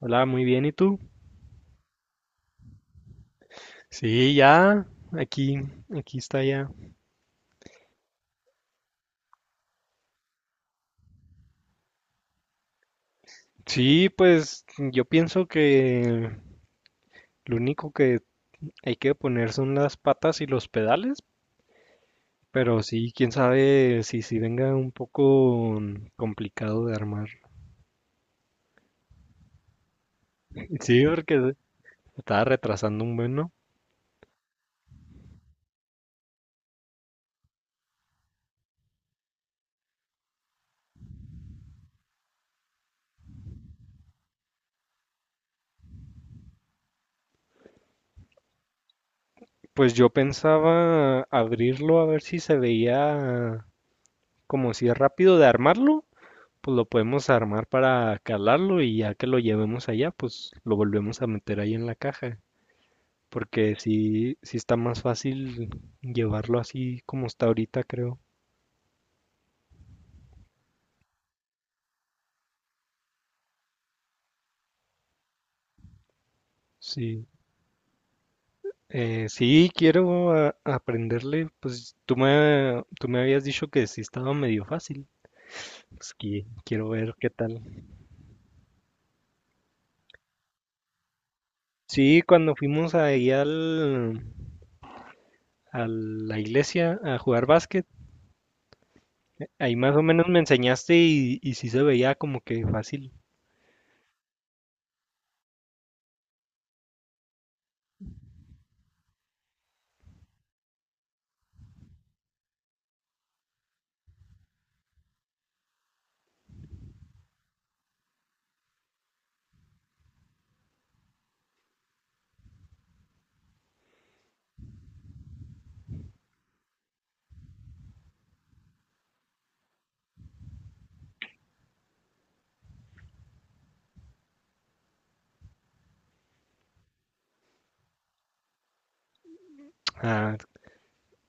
Hola, muy bien, ¿y tú? Sí, ya, aquí, aquí está ya. Sí, pues yo pienso que lo único que hay que poner son las patas y los pedales, pero sí, quién sabe si venga un poco complicado de armar. Sí, porque se estaba retrasando un buen, ¿no? Pues yo pensaba abrirlo a ver si se veía como si es rápido de armarlo. Pues lo podemos armar para calarlo y ya que lo llevemos allá, pues lo volvemos a meter ahí en la caja. Porque sí está más fácil llevarlo así como está ahorita, creo. Sí. Sí, quiero aprenderle. Pues tú me habías dicho que sí estaba medio fácil. Pues que quiero ver qué tal. Sí, cuando fuimos a la iglesia a jugar básquet, ahí más o menos me enseñaste y sí se veía como que fácil. Ah.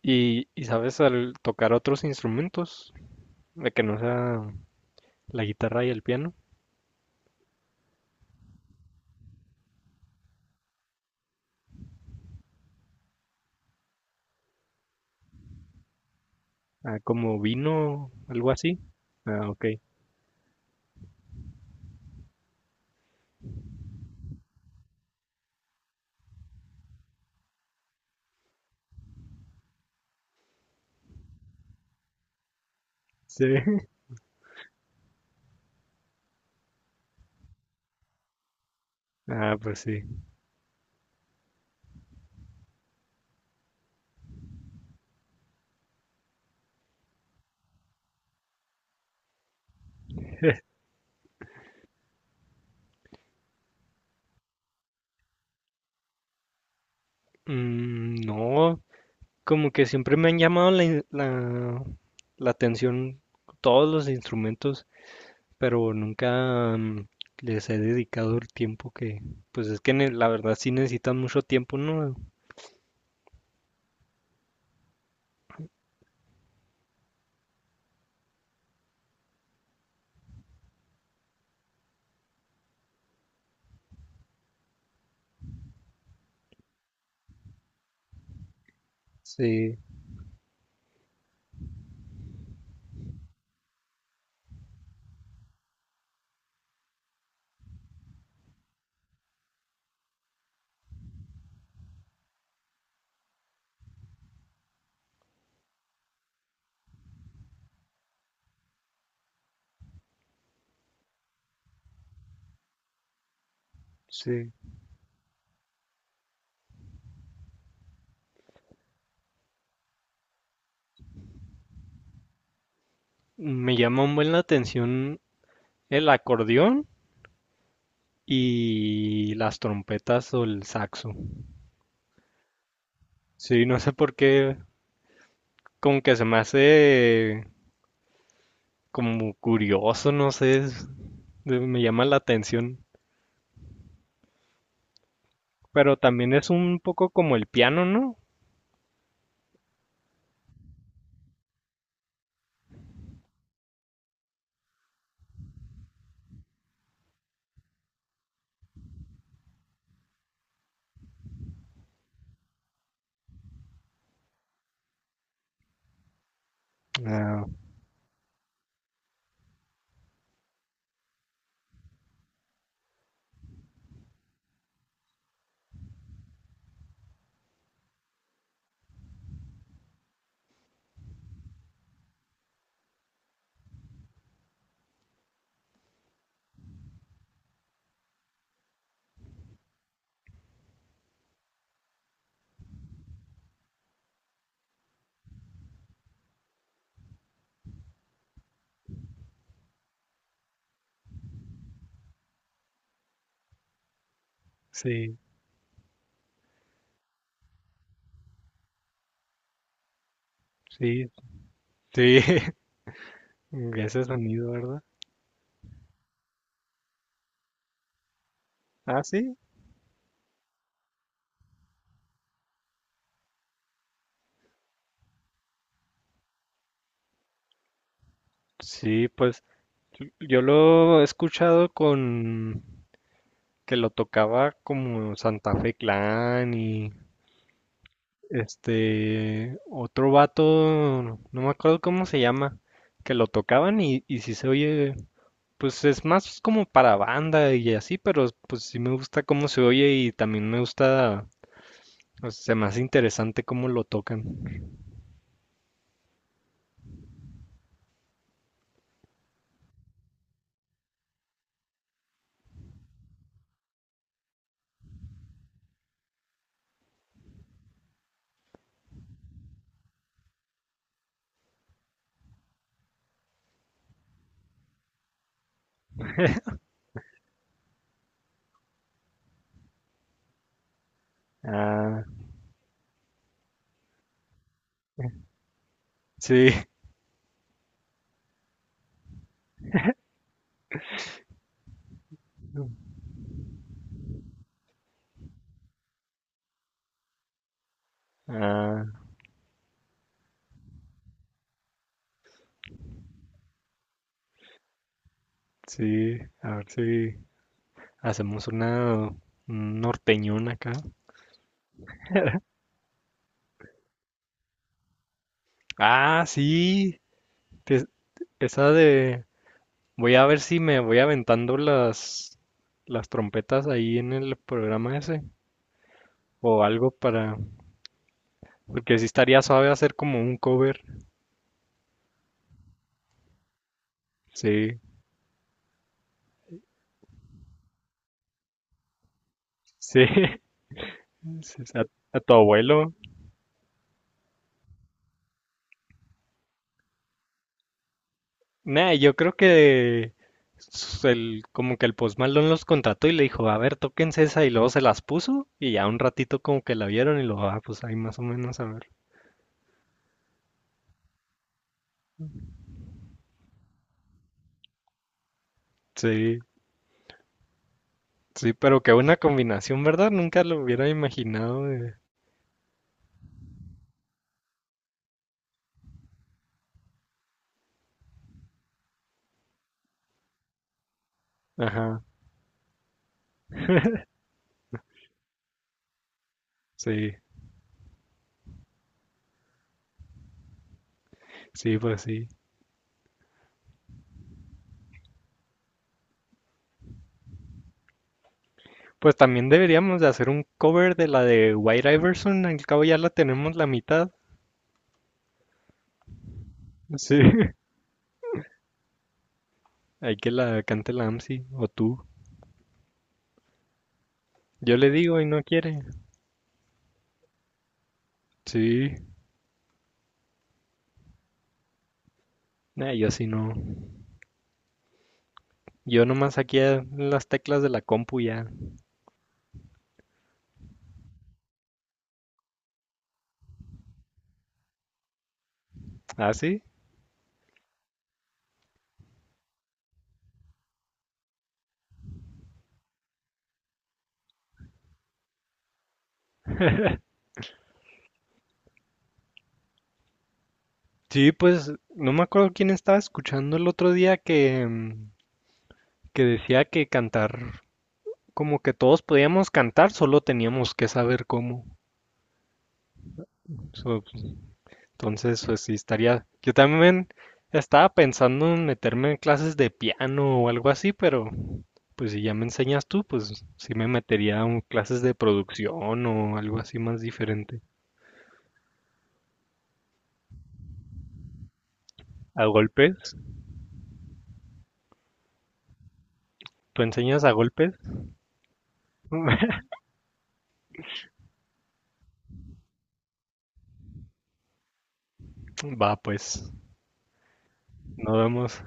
Y sabes, al tocar otros instrumentos, de que no sea la guitarra y el piano, ah, como vino, algo así. Ah, ok. Sí. Ah, pues sí. Mm, no, como que siempre me han llamado la atención todos los instrumentos, pero nunca les he dedicado el tiempo que, pues es que la verdad sí necesitan mucho tiempo, ¿no? Sí, sí. Me llama un buen la atención el acordeón y las trompetas o el saxo. Sí, no sé por qué, como que se me hace como curioso, no sé, me llama la atención. Pero también es un poco como el piano, ¿no? Ah, sí, sí, sí, ese sonido, ¿verdad? Ah, sí. Sí, pues yo lo he escuchado con que lo tocaba como Santa Fe Clan y, este, otro vato, no me acuerdo cómo se llama, que lo tocaban y si se oye, pues es más como para banda y así, pero pues sí me gusta cómo se oye y también me gusta, o sea, se me hace interesante cómo lo tocan. Ah, sí, ah, sí, a ver si hacemos una un norteñón acá. Ah, sí, te- esa de... Voy a ver si me voy aventando las trompetas ahí en el programa ese o algo para... Porque sí estaría suave hacer como un cover. Sí, sí. Sí, a tu abuelo. Nah, yo creo que como que el Post Malone los contrató y le dijo, a ver, tóquense esa y luego se las puso y ya un ratito como que la vieron y lo, ah, pues ahí más o menos a ver. Sí, sí, pero qué buena combinación, ¿verdad? Nunca lo hubiera imaginado, eh. Ajá, sí, sí. Pues también deberíamos de hacer un cover de la de White Iverson, al cabo ya la tenemos la mitad. Sí, hay que la cante la AMSI o tú. Yo le digo y no quiere. Sí, nah, yo sí no. Yo nomás aquí a las teclas de la compu ya. ¿Ah, sí? Sí, pues no me acuerdo quién estaba escuchando el otro día que, que decía que cantar, como que todos podíamos cantar, solo teníamos que saber cómo. So, pues, entonces, pues sí, estaría. Yo también estaba pensando en meterme en clases de piano o algo así, pero pues si ya me enseñas tú, pues sí me metería en clases de producción o algo así más diferente. ¿A golpes? ¿Tú enseñas a golpes? Va, pues, nos vemos.